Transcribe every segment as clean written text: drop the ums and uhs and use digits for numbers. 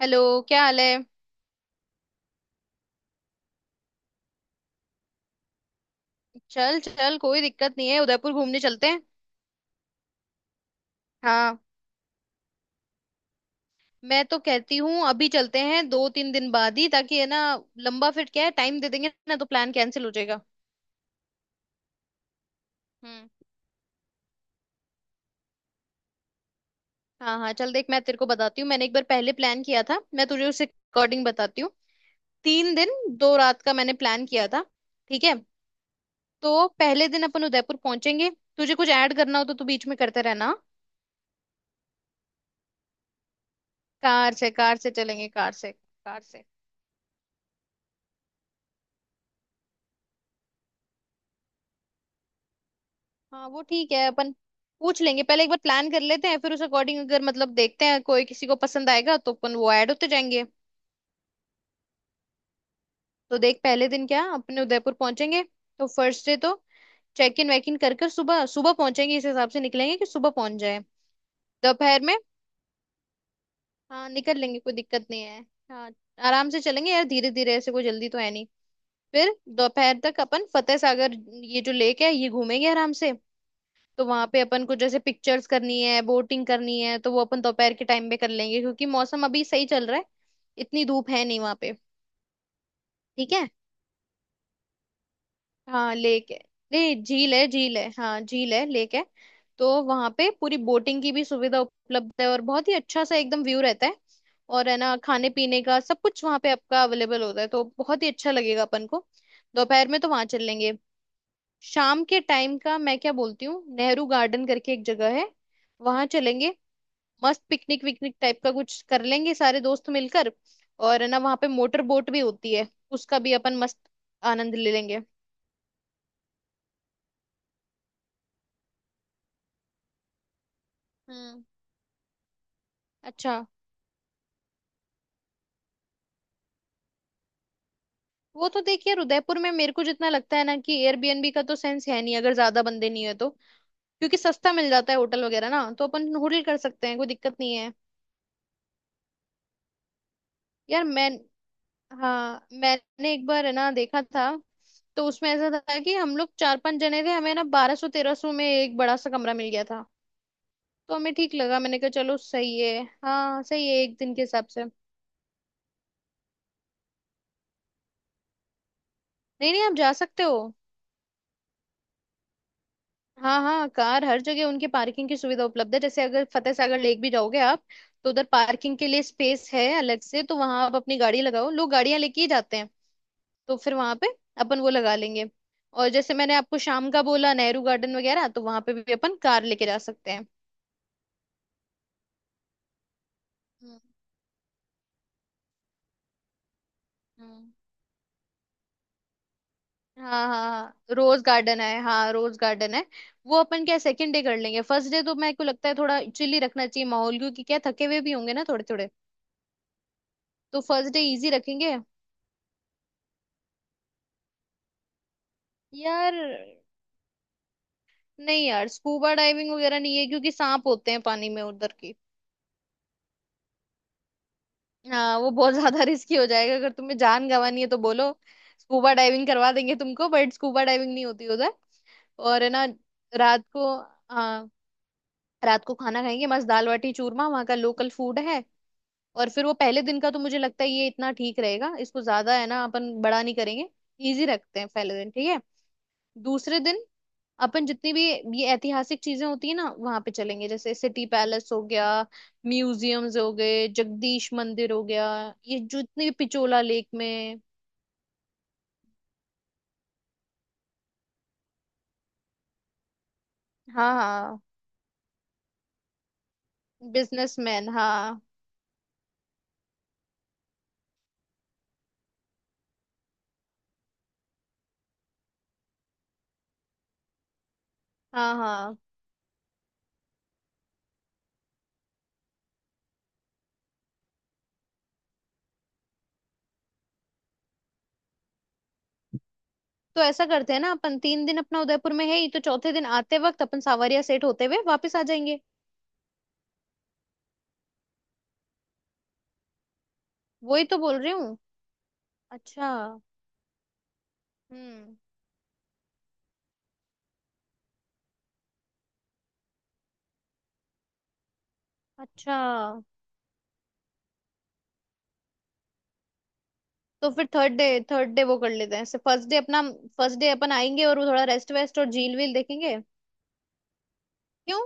Hello. क्या हाल है? चल चल, कोई दिक्कत नहीं है, उदयपुर घूमने चलते हैं। हाँ, मैं तो कहती हूँ अभी चलते हैं, दो तीन दिन बाद ही, ताकि है ना लंबा फिर क्या है, टाइम दे देंगे ना तो प्लान कैंसिल हो जाएगा। हम्म। हाँ हाँ चल, देख मैं तेरे को बताती हूँ, मैंने एक बार पहले प्लान किया था, मैं तुझे उससे अकॉर्डिंग बताती हूँ। तीन दिन दो रात का मैंने प्लान किया था, ठीक है? तो पहले दिन अपन उदयपुर पहुंचेंगे, तुझे कुछ ऐड करना हो तो तू बीच में करते रहना, हाँ? कार से, कार से चलेंगे, कार से कार से। हाँ वो ठीक है, अपन पूछ लेंगे, पहले एक बार प्लान कर लेते हैं, फिर उस अकॉर्डिंग अगर मतलब देखते हैं कोई किसी को पसंद आएगा तो अपन वो ऐड होते जाएंगे। तो देख, पहले दिन क्या अपने उदयपुर पहुंचेंगे, तो फर्स्ट डे तो चेक इन वेक इन कर कर सुबह सुबह पहुंचेंगे, इस हिसाब से निकलेंगे कि सुबह पहुंच जाए। दोपहर में हाँ निकल लेंगे, कोई दिक्कत नहीं है। हाँ, आराम से चलेंगे यार, धीरे धीरे, ऐसे कोई जल्दी तो है नहीं। फिर दोपहर तक अपन फतेह सागर, ये जो लेक है ये घूमेंगे आराम से। तो वहां पे अपन को जैसे पिक्चर्स करनी है, बोटिंग करनी है, तो वो अपन दोपहर के टाइम में कर लेंगे, क्योंकि मौसम अभी सही चल रहा है, इतनी धूप है नहीं वहां पे। ठीक है, हाँ लेक है। नहीं, झील है, झील है, हाँ झील है, लेक है। तो वहां पे पूरी बोटिंग की भी सुविधा उपलब्ध है, और बहुत ही अच्छा सा एकदम व्यू रहता है। और है ना खाने पीने का सब कुछ वहां पे आपका अवेलेबल होता है, तो बहुत ही अच्छा लगेगा अपन को। दोपहर में तो वहां चल लेंगे। शाम के टाइम का मैं क्या बोलती हूँ, नेहरू गार्डन करके एक जगह है, वहां चलेंगे। मस्त पिकनिक विकनिक टाइप का कुछ कर लेंगे सारे दोस्त मिलकर, और है ना वहां पे मोटर बोट भी होती है, उसका भी अपन मस्त आनंद ले लेंगे। हम्म। अच्छा, वो तो देखिए उदयपुर में मेरे को जितना लगता है ना कि एयरबीएनबी का तो सेंस है नहीं, अगर ज्यादा बंदे नहीं है तो, क्योंकि सस्ता मिल जाता है होटल वगैरह ना, तो अपन होटल कर सकते हैं, कोई दिक्कत नहीं है। यार मैं, हाँ मैंने एक बार है ना देखा था, तो उसमें ऐसा था कि हम लोग चार पांच जने थे, हमें ना 1200 1300 में एक बड़ा सा कमरा मिल गया था। तो हमें ठीक लगा, मैंने कहा चलो सही है, हाँ सही है एक दिन के हिसाब से। नहीं नहीं, आप जा सकते हो। हाँ हाँ, कार हर जगह, उनके पार्किंग की सुविधा उपलब्ध है, जैसे अगर फतेह सागर लेक भी जाओगे आप, तो उधर पार्किंग के लिए स्पेस है अलग से, तो वहां आप अपनी गाड़ी लगाओ, लोग गाड़ियां लेके ही जाते हैं। तो फिर वहां पे अपन वो लगा लेंगे। और जैसे मैंने आपको शाम का बोला नेहरू गार्डन वगैरह, तो वहां पे भी अपन कार लेके जा सकते हैं। हम्म हम्म। हाँ हाँ रोज गार्डन है, हाँ रोज गार्डन है। वो अपन क्या सेकंड डे कर लेंगे, फर्स्ट डे तो मेरे को लगता है थोड़ा चिल रखना चाहिए माहौल, क्योंकि क्या थके हुए भी होंगे ना थोड़े थोड़े, तो फर्स्ट डे इजी रखेंगे। यार नहीं यार, स्कूबा डाइविंग वगैरह नहीं है, क्योंकि सांप होते हैं पानी में उधर की। हाँ वो बहुत ज्यादा रिस्की हो जाएगा, अगर तुम्हें जान गंवानी है तो बोलो, स्कूबा डाइविंग करवा देंगे तुमको, बट स्कूबा डाइविंग नहीं होती उधर। और है ना रात को, हाँ रात को खाना खाएंगे मस्त, दाल बाटी चूरमा वहाँ का लोकल फूड है। और फिर वो पहले दिन का तो मुझे लगता है ये इतना ठीक रहेगा, इसको ज्यादा है ना अपन बड़ा नहीं करेंगे, इजी रखते हैं पहले दिन, ठीक है? दूसरे दिन अपन जितनी भी ये ऐतिहासिक चीजें होती है ना वहां पे चलेंगे, जैसे सिटी पैलेस हो गया, म्यूजियम्स हो गए, जगदीश मंदिर हो गया, ये जो इतनी भी पिचोला लेक में। हाँ हाँ, बिजनेसमैन, हाँ हाँ हाँ। तो ऐसा करते हैं ना, अपन तीन दिन अपना उदयपुर में है ही, तो चौथे दिन आते वक्त अपन सावरिया सेट होते हुए वापस आ जाएंगे। वही तो बोल रही हूँ। अच्छा। हम्म। अच्छा, तो फिर थर्ड डे, थर्ड डे वो कर लेते हैं, ऐसे फर्स्ट डे अपना, फर्स्ट डे अपन आएंगे और वो थोड़ा रेस्ट वेस्ट और झील वील देखेंगे। क्यों?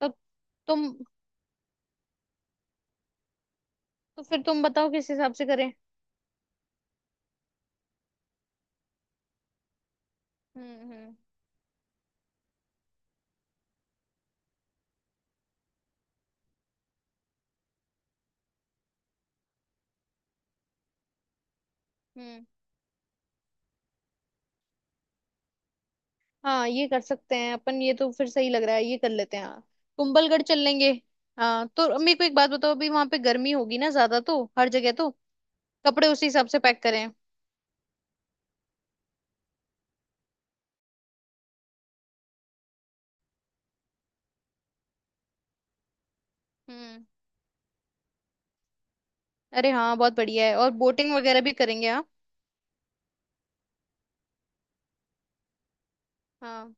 तब तुम, तो फिर तुम बताओ किस हिसाब से करें। हम्म हम्म हम्म। हाँ ये कर सकते हैं अपन, ये तो फिर सही लग रहा है, ये कर लेते हैं हाँ, कुंभलगढ़ चल लेंगे। हाँ तो मेरे को एक बात बताओ, अभी वहां पे गर्मी होगी ना ज्यादा तो हर जगह तो, कपड़े उसी हिसाब से पैक करें? हम्म। अरे हाँ, बहुत बढ़िया है, और बोटिंग वगैरह भी करेंगे, हाँ हाँ।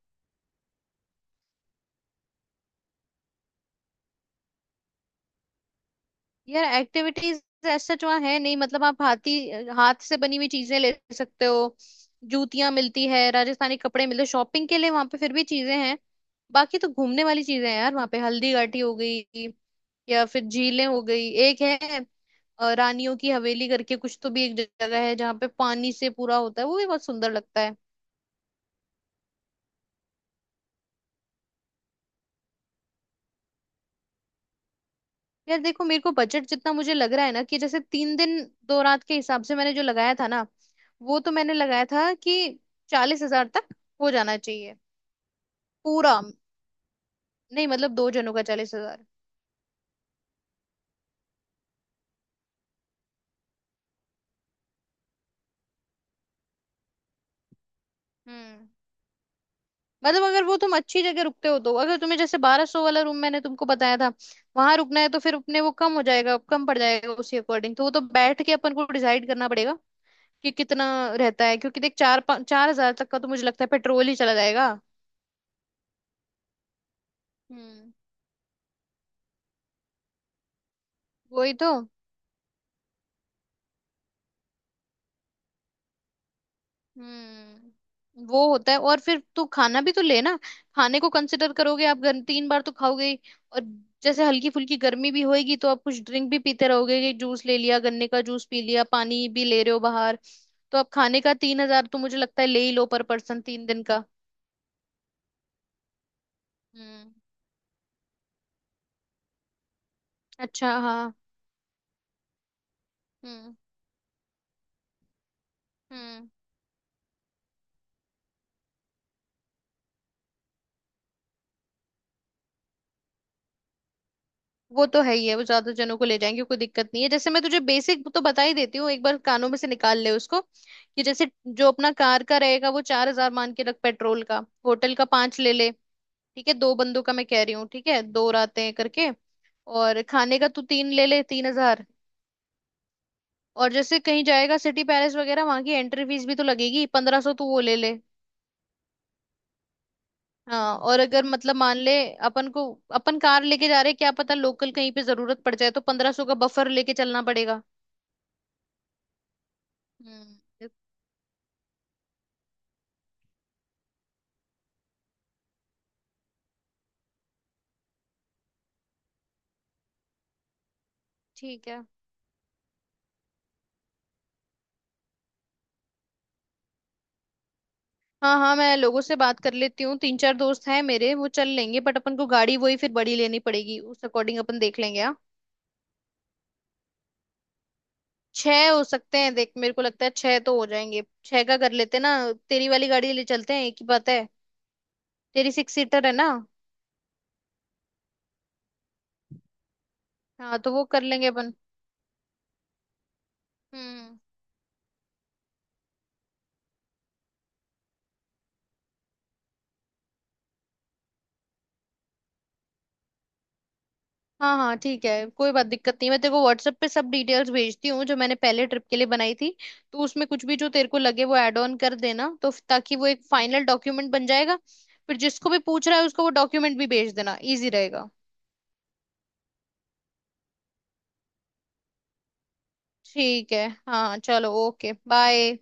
यार एक्टिविटीज ऐसा जो है नहीं, मतलब आप हाथी, हाथ से बनी हुई चीजें ले सकते हो, जूतियां मिलती है, राजस्थानी कपड़े मिलते हैं, शॉपिंग के लिए वहां पे फिर भी चीजें हैं। बाकी तो घूमने वाली चीजें हैं यार वहां पे, हल्दी घाटी हो गई, या फिर झीलें हो गई, एक है रानियों की हवेली करके कुछ तो भी एक जगह है, जहाँ पे पानी से पूरा होता है, वो भी बहुत सुंदर लगता है। यार देखो, मेरे को बजट जितना मुझे लग रहा है ना कि जैसे तीन दिन दो रात के हिसाब से मैंने जो लगाया था ना, वो तो मैंने लगाया था कि 40,000 तक हो जाना चाहिए। पूरा, नहीं मतलब दो जनों का 40,000। हम्म, मतलब अगर वो तुम अच्छी जगह रुकते हो, तो अगर तुम्हें जैसे 1200 वाला रूम मैंने तुमको बताया था वहां रुकना है, तो फिर अपने वो कम हो जाएगा, कम पड़ जाएगा उसी अकॉर्डिंग, तो वो तो बैठ के अपन को डिसाइड करना पड़ेगा कि कितना रहता है। क्योंकि देख, 4,000 तक का तो मुझे लगता है पेट्रोल ही चला जाएगा। हम्म, वही तो। हम्म, वो होता है, और फिर तू खाना भी तो ले ना, खाने को कंसिडर करोगे आप, घर तीन बार तो खाओगे ही। और जैसे हल्की फुल्की गर्मी भी होएगी, तो आप कुछ ड्रिंक भी पीते रहोगे, कि जूस ले लिया, गन्ने का जूस पी लिया, पानी भी ले रहे हो बाहर, तो आप खाने का तीन हजार तो मुझे लगता है ले ही लो पर पर्सन तीन दिन का। हम्म। अच्छा। हाँ। हम्म हम्म। वो तो है ही है, वो ज्यादा जनों को ले जाएंगे कोई दिक्कत नहीं है। जैसे मैं तुझे बेसिक तो बता ही देती हूँ, एक बार कानों में से निकाल ले उसको, कि जैसे जो अपना कार का रहेगा वो 4,000 मान के रख पेट्रोल का, होटल का पांच ले ले, ठीक है? दो बंदों का मैं कह रही हूँ, ठीक है, दो रातें करके। और खाने का तू तीन ले ले, 3,000। और जैसे कहीं जाएगा सिटी पैलेस वगैरह, वहां की एंट्री फीस भी तो लगेगी, 1500 तू वो ले ले। हाँ, और अगर मतलब मान ले अपन को, अपन कार लेके जा रहे हैं, क्या पता लोकल कहीं पे जरूरत पड़ जाए, तो 1500 का बफर लेके चलना पड़ेगा। हम्म। ठीक है, हाँ हाँ मैं लोगों से बात कर लेती हूँ, तीन चार दोस्त हैं मेरे, वो चल लेंगे, बट अपन को गाड़ी वही फिर बड़ी लेनी पड़ेगी, उस अकॉर्डिंग अपन देख लेंगे, हाँ। छह हो सकते हैं देख, मेरे को लगता है छह तो हो जाएंगे, छह का कर लेते हैं ना, तेरी वाली गाड़ी ले चलते हैं, एक ही बात है। तेरी सिक्स सीटर है ना? हाँ तो वो कर लेंगे अपन। हम्म। हाँ हाँ ठीक है, कोई बात दिक्कत नहीं, मैं तेरे को व्हाट्सएप पे सब डिटेल्स भेजती हूँ जो मैंने पहले ट्रिप के लिए बनाई थी। तो उसमें कुछ भी जो तेरे को लगे वो ऐड ऑन कर देना, तो ताकि वो एक फाइनल डॉक्यूमेंट बन जाएगा, फिर जिसको भी पूछ रहा है उसको वो डॉक्यूमेंट भी भेज देना, इजी रहेगा। ठीक है, हाँ चलो, ओके बाय।